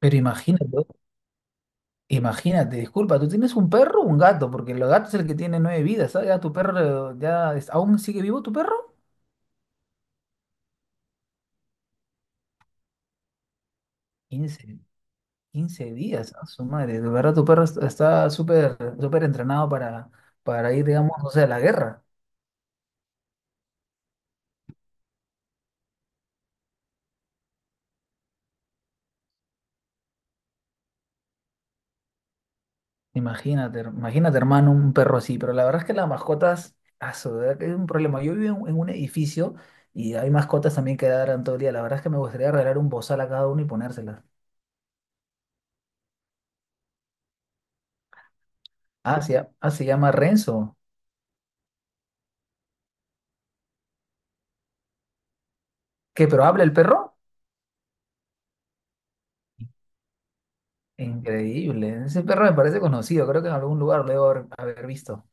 Pero imagínate, imagínate, disculpa, ¿tú tienes un perro o un gato? Porque el gato es el que tiene nueve vidas, ¿sabes? Ya tu perro, ya, ¿aún sigue vivo tu perro? quince quince días, a su madre, de verdad tu perro está súper, súper entrenado para ir, digamos, o sea, a la guerra. Imagínate, imagínate, hermano, un perro así, pero la verdad es que las mascotas, a su verdad que es un problema. Yo vivo en un edificio y hay mascotas también que dan todo el día. La verdad es que me gustaría regalar un bozal a cada uno y ponérselas. Ah, se llama Renzo. ¿Qué, pero habla el perro? Increíble. Ese perro me parece conocido. Creo que en algún lugar lo debo haber visto.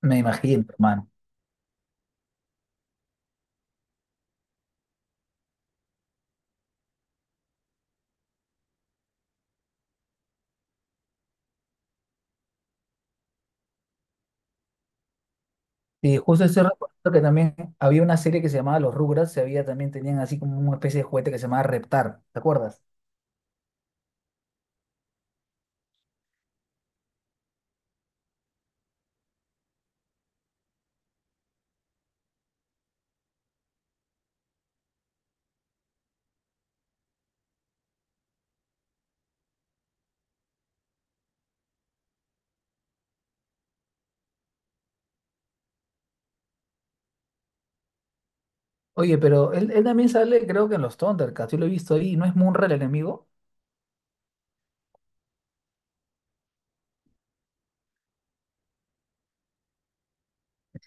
Me imagino, hermano. Y justo estoy recordando que también había una serie que se llamaba Los Rugrats. Se había también tenían así como una especie de juguete que se llamaba Reptar. ¿Te acuerdas? Oye, pero él también sale, creo que en los Thundercats. Yo lo he visto ahí. ¿No es Munra el enemigo?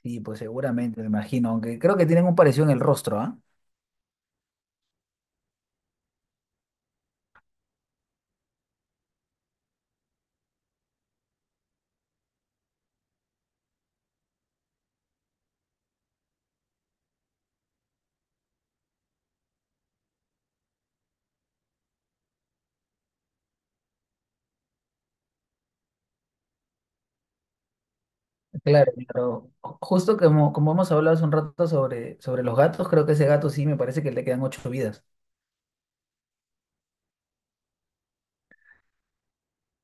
Sí, pues seguramente, me imagino. Aunque creo que tienen un parecido en el rostro, ¿ah? Claro, claro. Justo como hemos hablado hace un rato sobre los gatos, creo que ese gato sí me parece que le quedan ocho vidas.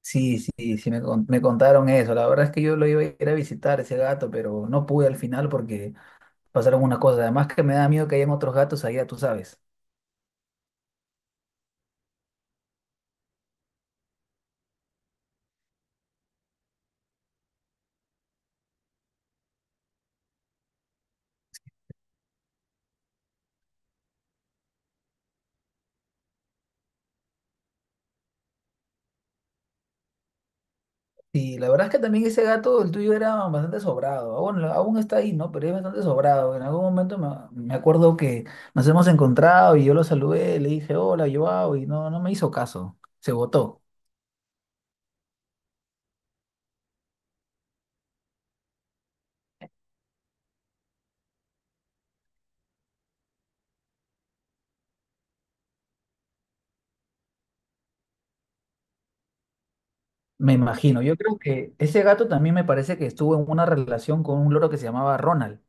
Sí, sí, sí, me contaron eso. La verdad es que yo lo iba a ir a visitar ese gato, pero no pude al final porque pasaron unas cosas. Además que me da miedo que hayan otros gatos allá, tú sabes. Y la verdad es que también ese gato, el tuyo, era bastante sobrado. Aún, aún está ahí, ¿no? Pero es bastante sobrado. En algún momento me acuerdo que nos hemos encontrado y yo lo saludé, le dije hola, Joao, y no, no me hizo caso. Se botó, me imagino. Yo creo que ese gato también me parece que estuvo en una relación con un loro que se llamaba Ronald.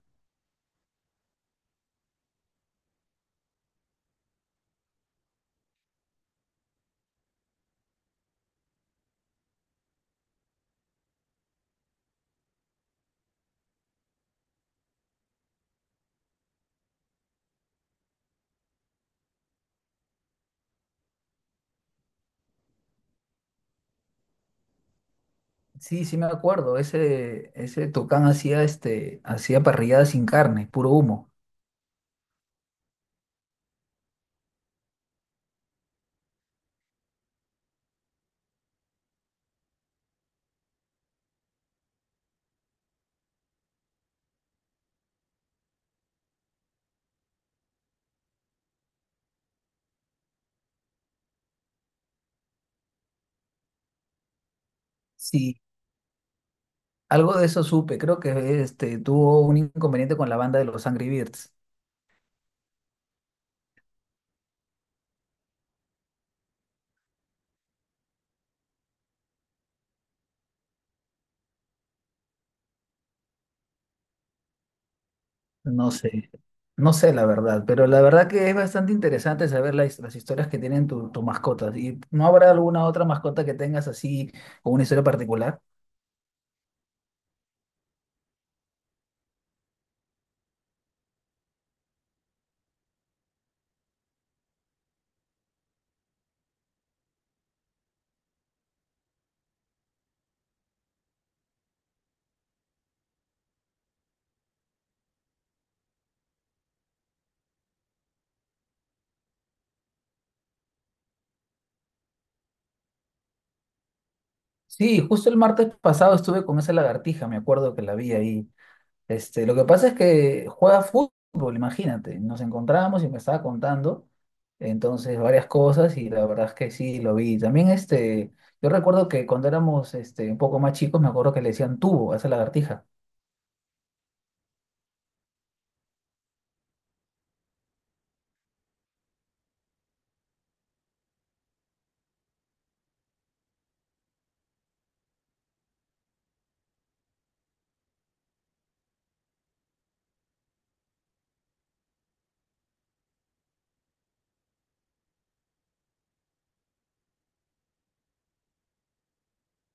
Sí, sí me acuerdo. Ese Tucán hacía este, hacía parrilladas sin carne, puro humo. Sí, algo de eso supe. Creo que este tuvo un inconveniente con la banda de los Angry Birds. No sé, no sé la verdad, pero la verdad que es bastante interesante saber las historias que tienen tus mascotas. ¿Y no habrá alguna otra mascota que tengas así con una historia particular? Sí, justo el martes pasado estuve con esa lagartija, me acuerdo que la vi ahí. Este, lo que pasa es que juega fútbol, imagínate. Nos encontramos y me estaba contando, entonces, varias cosas y la verdad es que sí, lo vi. También, este, yo recuerdo que cuando éramos, este, un poco más chicos, me acuerdo que le decían tubo a esa lagartija.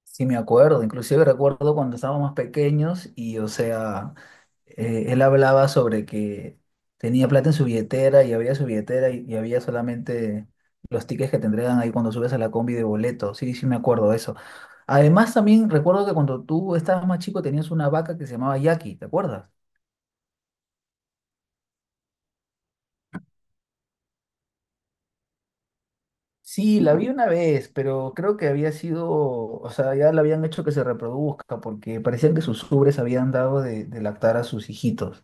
Sí, me acuerdo, inclusive recuerdo cuando estábamos más pequeños y, o sea, él hablaba sobre que tenía plata en su billetera y había su billetera y había solamente los tickets que te entregan ahí cuando subes a la combi de boleto. Sí, sí, me acuerdo de eso. Además, también recuerdo que cuando tú estabas más chico tenías una vaca que se llamaba Jackie, ¿te acuerdas? Sí, la vi una vez, pero creo que había sido, o sea, ya la habían hecho que se reproduzca porque parecían que sus ubres habían dado de lactar a sus hijitos.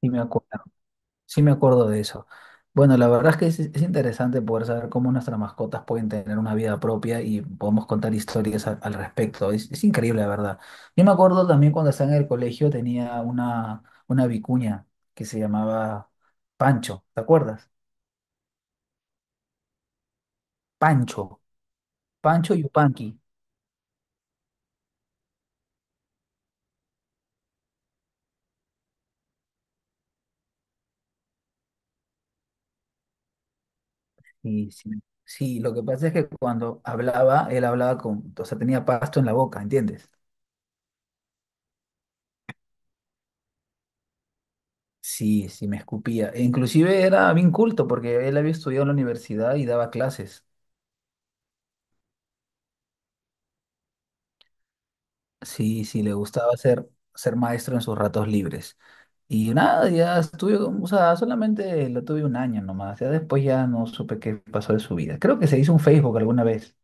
Y me acuerdo. Sí me acuerdo de eso. Bueno, la verdad es que es interesante poder saber cómo nuestras mascotas pueden tener una vida propia y podemos contar historias al respecto. Es increíble, la verdad. Yo me acuerdo también cuando estaba en el colegio tenía una, vicuña que se llamaba Pancho, ¿te acuerdas? Pancho, Pancho Yupanqui. Y sí, sí, lo que pasa es que cuando hablaba, él hablaba con, o sea, tenía pasto en la boca, ¿entiendes? Sí, sí, me escupía. E Inclusive era bien culto porque él había estudiado en la universidad y daba clases. Sí, sí, le gustaba ser maestro en sus ratos libres. Y nada, ya estuve, o sea, solamente lo tuve un año nomás. Ya después ya no supe qué pasó de su vida. Creo que se hizo un Facebook alguna vez.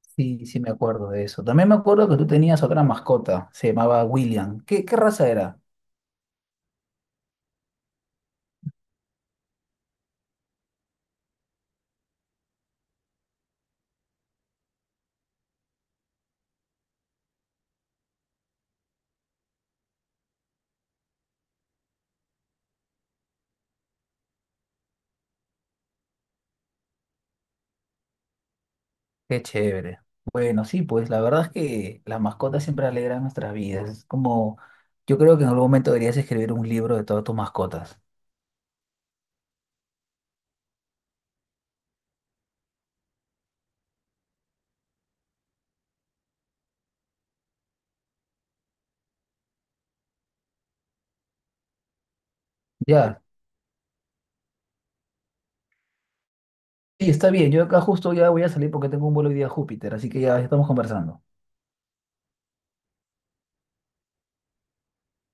Sí, sí, me acuerdo de eso. También me acuerdo que tú tenías otra mascota, se llamaba William. ¿Qué, qué raza era? Qué chévere. Bueno, sí, pues la verdad es que las mascotas siempre alegran nuestras vidas. Es como, yo creo que en algún momento deberías escribir un libro de todas tus mascotas. Ya, sí, está bien. Yo acá justo ya voy a salir porque tengo un vuelo hoy día a Júpiter, así que ya estamos conversando.